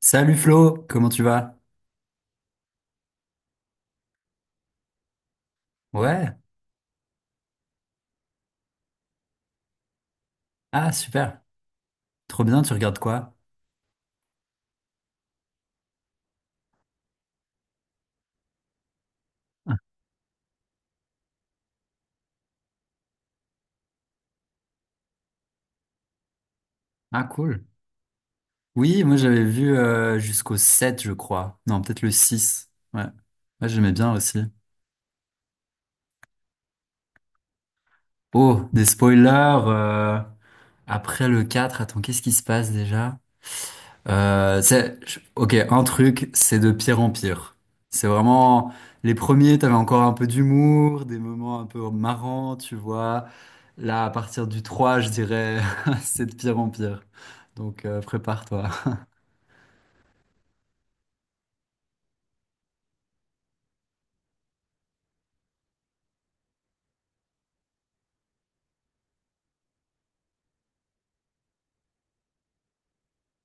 Salut Flo, comment tu vas? Ouais, ah super, trop bien, tu regardes quoi? Ah cool. Oui, moi j'avais vu jusqu'au 7, je crois, non peut-être le 6. Ouais, ouais, j'aimais bien aussi. Oh, des spoilers, après le 4, attends qu'est-ce qui se passe déjà? C'est, ok, un truc, c'est de pire en pire. C'est vraiment, les premiers t'avais encore un peu d'humour, des moments un peu marrants, tu vois. Là à partir du 3, je dirais, c'est de pire en pire. Prépare-toi.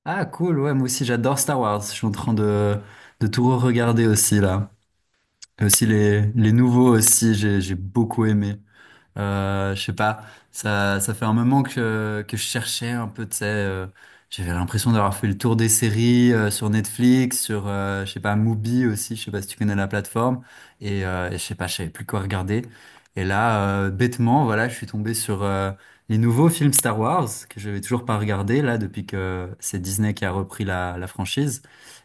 Ah cool, ouais, moi aussi j'adore Star Wars. Je suis en train de tout regarder aussi là. Et aussi les nouveaux aussi, j'ai beaucoup aimé. Je sais pas, ça fait un moment que je cherchais un peu, tu sais, j'avais l'impression d'avoir fait le tour des séries sur Netflix, sur, je sais pas, Mubi aussi, je sais pas si tu connais la plateforme, et je sais pas, je savais plus quoi regarder. Et là, bêtement, voilà, je suis tombé sur les nouveaux films Star Wars, que j'avais toujours pas regardé, là, depuis que c'est Disney qui a repris la, la franchise.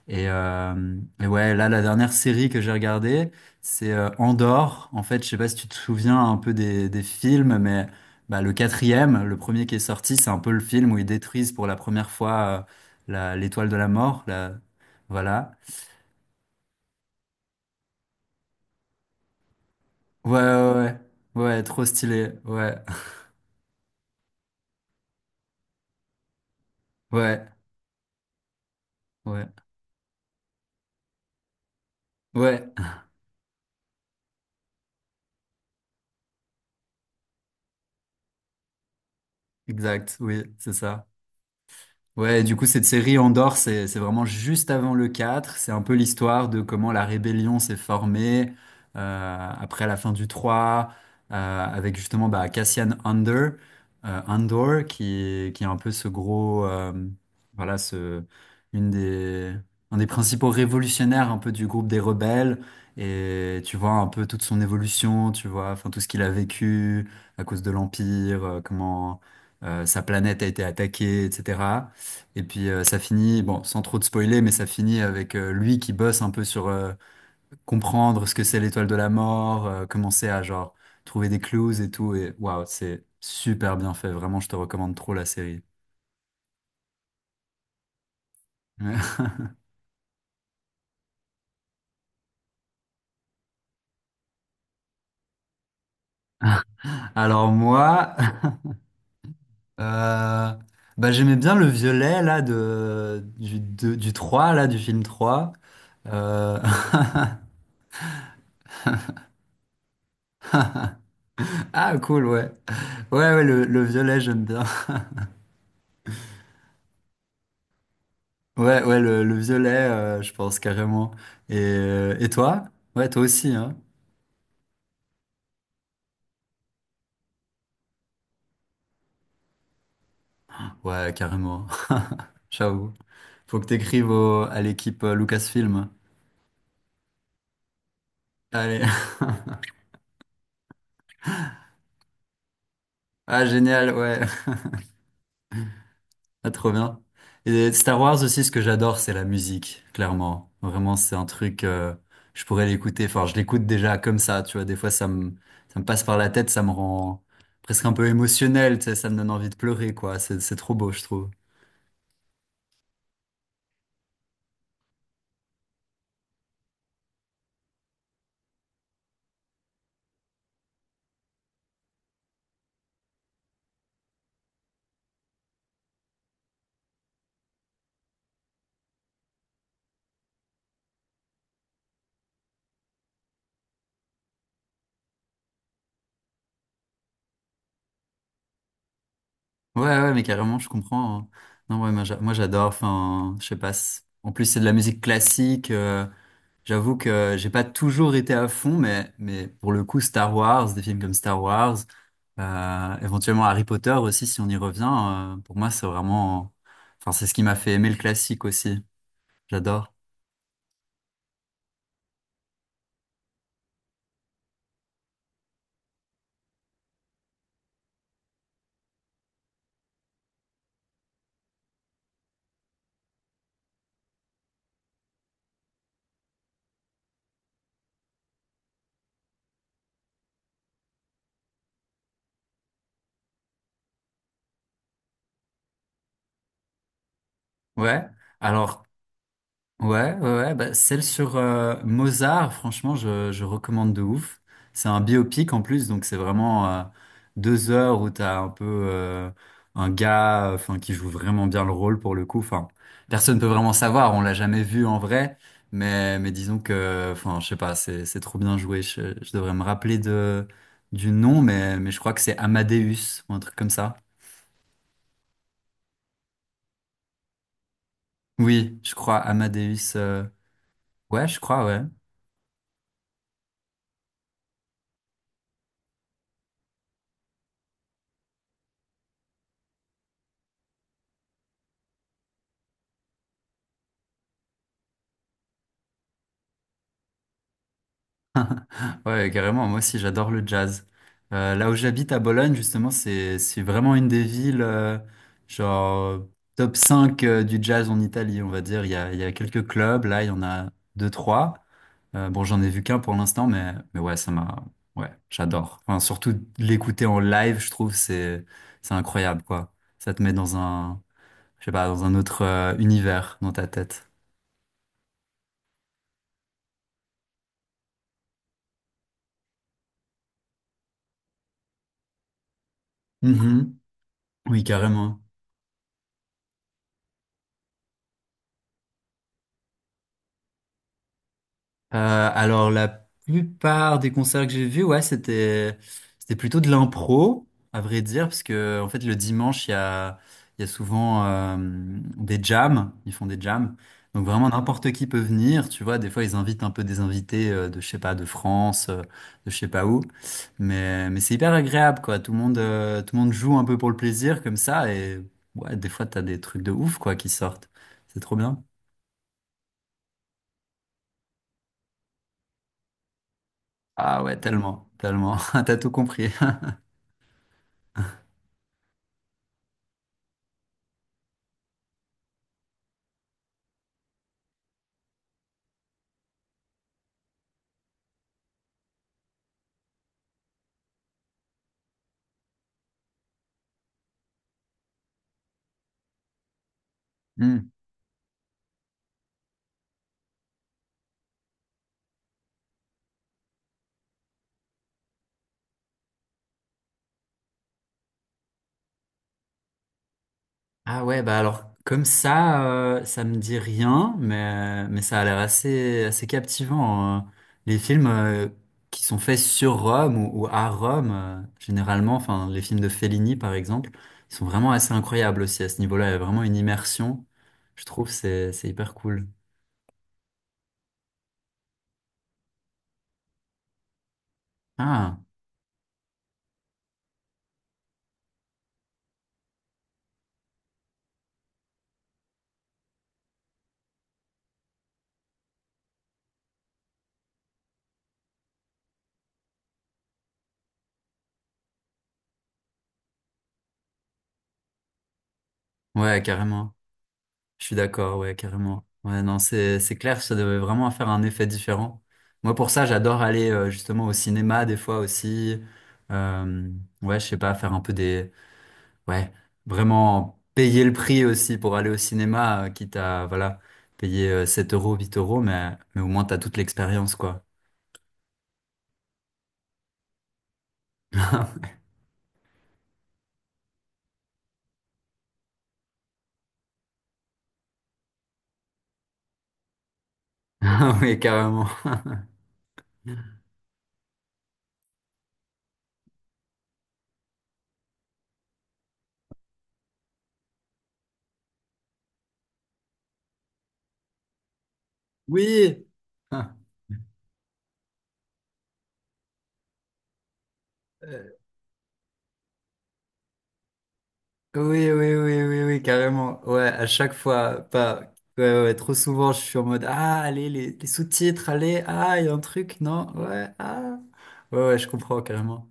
Et ouais, là, la dernière série que j'ai regardée, c'est Andorre. En fait, je sais pas si tu te souviens un peu des films, mais bah, le quatrième, le premier qui est sorti, c'est un peu le film où ils détruisent pour la première fois l'étoile de la mort. Là. Voilà. Ouais, ouais, ouais. Ouais, trop stylé. Ouais, ouais, ouais, ouais. Exact, oui, c'est ça. Ouais, du coup, cette série Andorre, c'est vraiment juste avant le 4. C'est un peu l'histoire de comment la rébellion s'est formée après la fin du 3, avec justement bah, Cassian Andor, Andor qui est un peu ce gros, voilà, ce, une des, un des principaux révolutionnaires un peu du groupe des rebelles. Et tu vois un peu toute son évolution, tu vois, enfin tout ce qu'il a vécu à cause de l'Empire, comment sa planète a été attaquée, etc. Et puis ça finit, bon, sans trop de spoiler, mais ça finit avec lui qui bosse un peu sur comprendre ce que c'est l'étoile de la mort, commencer à genre trouver des clues et tout. Et waouh, c'est super bien fait. Vraiment, je te recommande trop la série. Ouais. Alors moi, euh, bah, j'aimais bien le violet là de, du 3 là, du film 3. Euh, Ah cool, ouais. Ouais, ouais, le violet, j'aime bien. Ouais, ouais, le violet, je pense carrément. Et toi? Ouais, toi aussi, hein? Ouais, carrément. Ciao. Faut que à l'équipe Lucasfilm. Allez. Ah, génial, ouais. Ah, trop bien. Et Star Wars aussi, ce que j'adore, c'est la musique, clairement. Vraiment, c'est un truc, je pourrais l'écouter. Enfin, je l'écoute déjà comme ça, tu vois. Des fois, ça me passe par la tête, ça me rend presque un peu émotionnel, tu sais, ça me donne envie de pleurer, quoi. C'est trop beau, je trouve. Ouais, ouais, mais carrément, je comprends, hein. Non, ouais, moi, j'adore. Enfin, je sais pas. En plus, c'est de la musique classique. J'avoue que j'ai pas toujours été à fond, mais pour le coup, Star Wars, des films comme Star Wars, éventuellement Harry Potter aussi, si on y revient, pour moi, c'est vraiment, enfin, c'est ce qui m'a fait aimer le classique aussi. J'adore. Ouais. Alors, ouais, ouais, ouais, bah, celle sur Mozart, franchement, je recommande de ouf. C'est un biopic en plus, donc c'est vraiment deux heures où t'as un peu un gars, enfin, qui joue vraiment bien le rôle pour le coup. Enfin, personne peut vraiment savoir, on l'a jamais vu en vrai, mais disons que, enfin, je sais pas, c'est trop bien joué. Je devrais me rappeler de du nom, mais je crois que c'est Amadeus ou un truc comme ça. Oui, je crois Amadeus. Ouais, je crois, ouais. Ouais, carrément. Moi aussi, j'adore le jazz. Là où j'habite à Bologne, justement, c'est vraiment une des villes genre top 5 du jazz en Italie, on va dire. Il y a quelques clubs. Là, il y en a deux, trois. Bon, j'en ai vu qu'un pour l'instant, mais ouais, ça m'a ouais, j'adore. Enfin, surtout l'écouter en live, je trouve c'est incroyable quoi. Ça te met dans un je sais pas dans un autre univers dans ta tête. Mhm. Oui, carrément. Euh, alors la plupart des concerts que j'ai vus, ouais, c'était plutôt de l'impro, à vrai dire, parce que en fait le dimanche il y a souvent des jams, ils font des jams, donc vraiment n'importe qui peut venir, tu vois. Des fois ils invitent un peu des invités de je sais pas de France, de je sais pas où, mais c'est hyper agréable quoi. Tout le monde joue un peu pour le plaisir comme ça et ouais, des fois t'as des trucs de ouf quoi qui sortent, c'est trop bien. Ah ouais, tellement, tellement, t'as tout compris. Ah ouais, bah alors comme ça, ça me dit rien, mais ça a l'air assez, assez captivant. Euh. Les films qui sont faits sur Rome ou à Rome, généralement, enfin les films de Fellini par exemple, ils sont vraiment assez incroyables aussi à ce niveau-là. Il y a vraiment une immersion, je trouve, c'est hyper cool. Ah ouais, carrément. Je suis d'accord, ouais, carrément. Ouais, non, c'est clair, ça devait vraiment faire un effet différent. Moi, pour ça, j'adore aller justement au cinéma des fois aussi. Euh, ouais, je sais pas, faire un peu des, ouais, vraiment payer le prix aussi pour aller au cinéma, quitte à voilà payer 7 euros, 8 euros, mais au moins t'as toute l'expérience, quoi. Oui, carrément. Oui. Oui, oui, oui, oui, oui, carrément. Ouais, à chaque fois, pas, ouais, ouais, ouais, trop souvent, je suis en mode, ah, allez, les sous-titres, allez, ah, il y a un truc, non, ouais, ah. Ouais, ouais, je comprends carrément.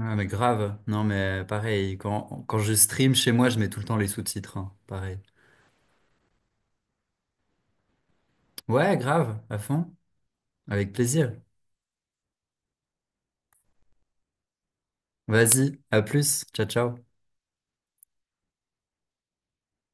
Ah, mais grave. Non, mais pareil, quand, quand je stream chez moi, je mets tout le temps les sous-titres, hein, pareil. Ouais, grave, à fond, avec plaisir. Vas-y, à plus, ciao, ciao.